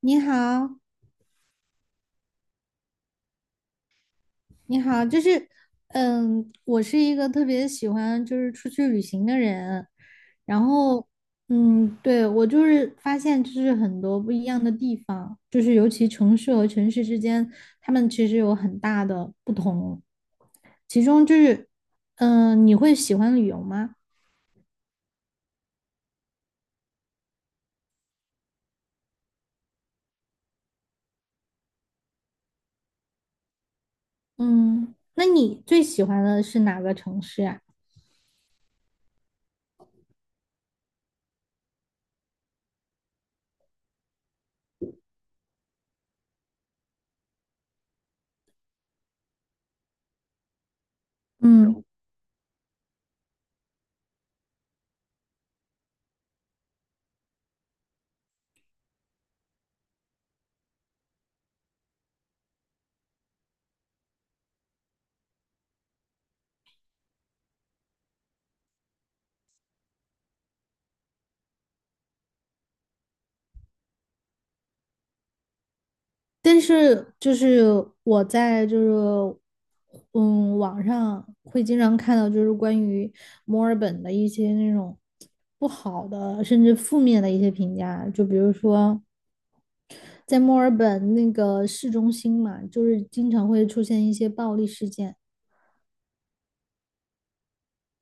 你好，你好，就是，我是一个特别喜欢就是出去旅行的人，然后，对，我就是发现就是很多不一样的地方，就是尤其城市和城市之间，他们其实有很大的不同，其中就是，你会喜欢旅游吗？嗯，那你最喜欢的是哪个城市啊？嗯。但是就是我在就是嗯网上会经常看到就是关于墨尔本的一些那种不好的甚至负面的一些评价，就比如说在墨尔本那个市中心嘛，就是经常会出现一些暴力事件。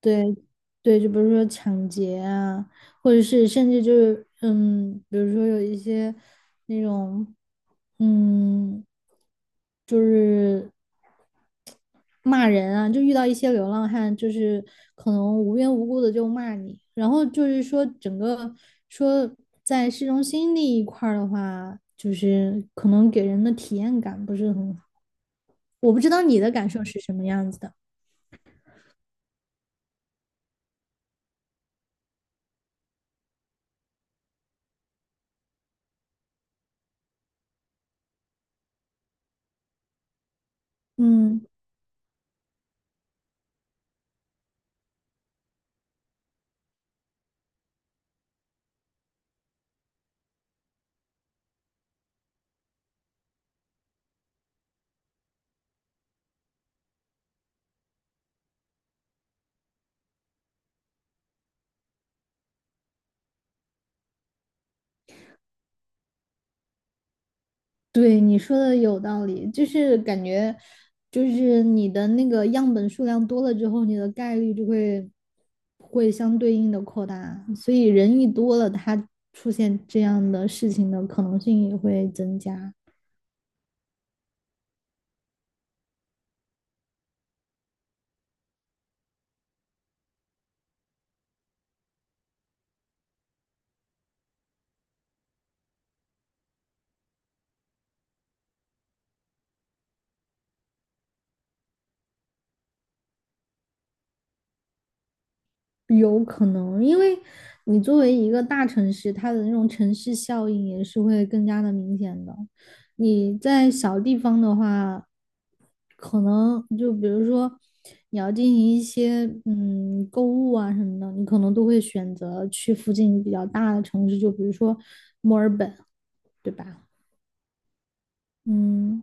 对，对，就比如说抢劫啊，或者是甚至就是，比如说有一些那种，嗯，就是骂人啊，就遇到一些流浪汉，就是可能无缘无故的就骂你，然后就是说整个说在市中心那一块儿的话，就是可能给人的体验感不是很好，我不知道你的感受是什么样子的。嗯。对，你说的有道理，就是感觉，就是你的那个样本数量多了之后，你的概率就会相对应的扩大，所以人一多了，它出现这样的事情的可能性也会增加。有可能，因为你作为一个大城市，它的那种城市效应也是会更加的明显的。你在小地方的话，可能就比如说你要进行一些购物啊什么的，你可能都会选择去附近比较大的城市，就比如说墨尔本，对吧？嗯，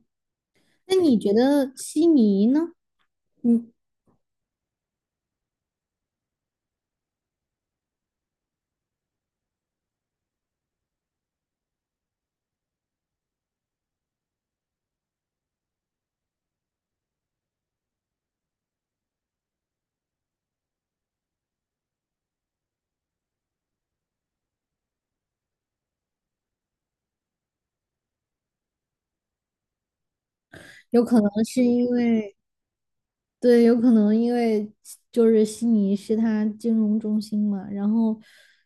那你觉得悉尼呢？嗯，有可能是因为对，有可能因为就是悉尼是它金融中心嘛，然后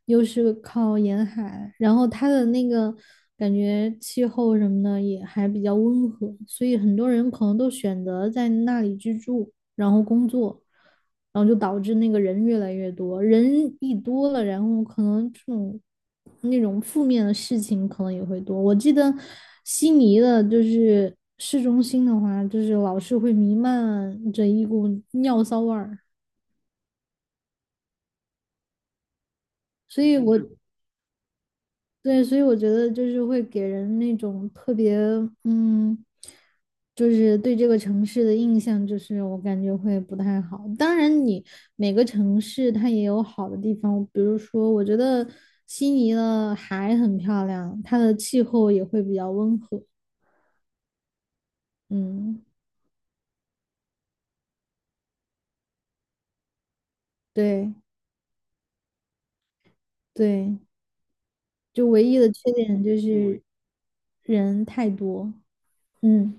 又是靠沿海，然后它的那个感觉气候什么的也还比较温和，所以很多人可能都选择在那里居住，然后工作。然后就导致那个人越来越多，人一多了，然后可能这种那种负面的事情可能也会多。我记得悉尼的就是市中心的话，就是老是会弥漫着一股尿骚味儿，所以我对，所以我觉得就是会给人那种特别，嗯，就是对这个城市的印象，就是我感觉会不太好。当然，你每个城市它也有好的地方，比如说，我觉得悉尼的海很漂亮，它的气候也会比较温和。嗯，对对，就唯一的缺点就是人太多。嗯。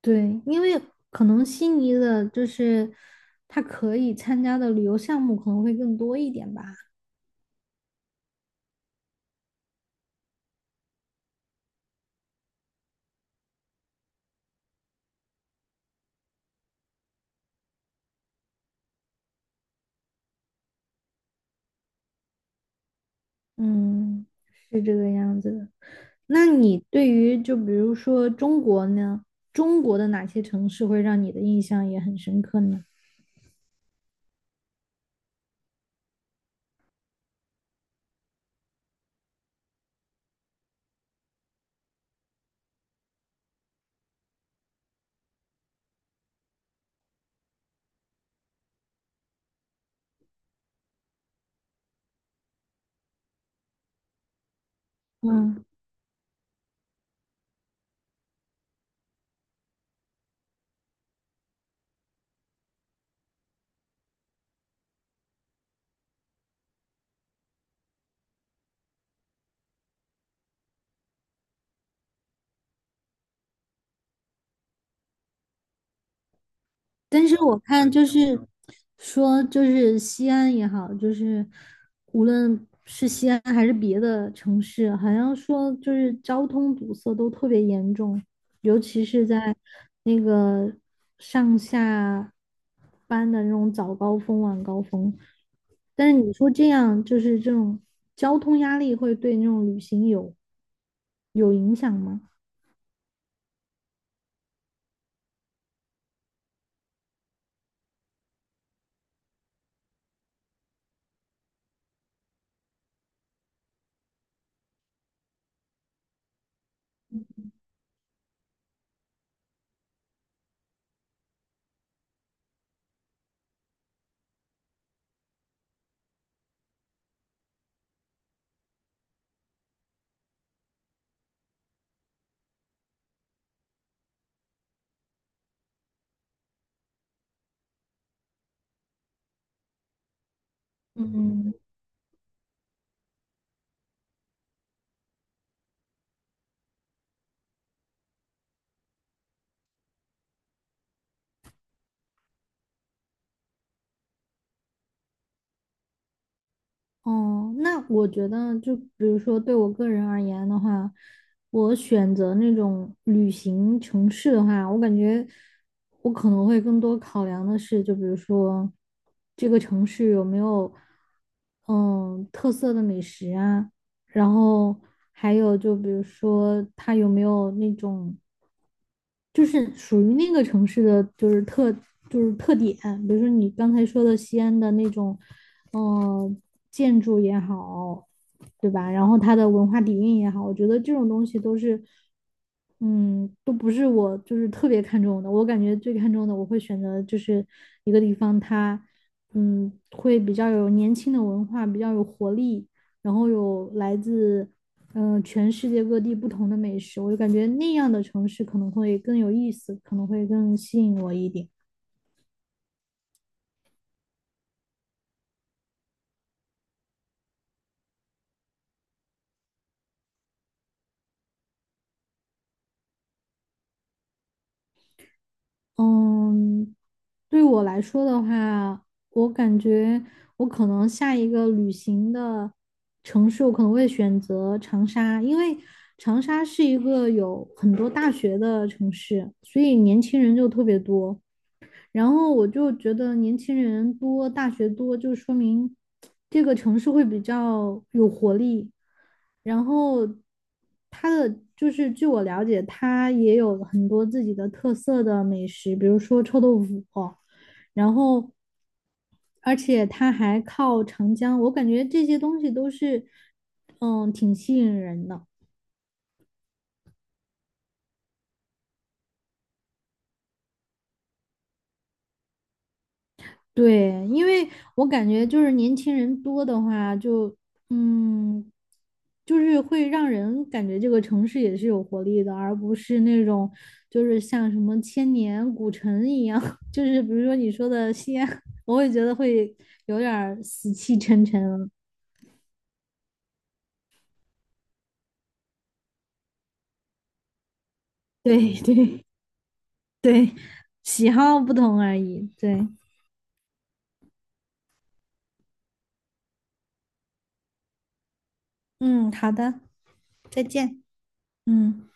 对，因为可能悉尼的就是他可以参加的旅游项目可能会更多一点吧。嗯，是这个样子的。那你对于就比如说中国呢，中国的哪些城市会让你的印象也很深刻呢？嗯但是我看就是说，就是西安也好，就是无论是西安还是别的城市，好像说就是交通堵塞都特别严重，尤其是在那个上下班的那种早高峰、晚高峰。但是你说这样，就是这种交通压力会对那种旅行有影响吗？嗯哦，那我觉得，就比如说对我个人而言的话，我选择那种旅行城市的话，我感觉我可能会更多考量的是，就比如说这个城市有没有特色的美食啊，然后还有就比如说它有没有那种就是属于那个城市的，就是特点，比如说你刚才说的西安的那种，嗯，建筑也好，对吧？然后它的文化底蕴也好，我觉得这种东西都是，嗯，都不是我就是特别看重的。我感觉最看重的，我会选择就是一个地方它，会比较有年轻的文化，比较有活力，然后有来自全世界各地不同的美食，我就感觉那样的城市可能会更有意思，可能会更吸引我一点。嗯，对我来说的话，我感觉我可能下一个旅行的城市，我可能会选择长沙，因为长沙是一个有很多大学的城市，所以年轻人就特别多。然后我就觉得年轻人多，大学多，就说明这个城市会比较有活力。然后它的就是据我了解，它也有很多自己的特色的美食，比如说臭豆腐，然后而且它还靠长江，我感觉这些东西都是挺吸引人的。对，因为我感觉就是年轻人多的话就，嗯，就是会让人感觉这个城市也是有活力的，而不是那种就是像什么千年古城一样，就是比如说你说的西安，我会觉得会有点儿死气沉沉了。对 对对，喜好不同而已。对，嗯，好的，再见。嗯。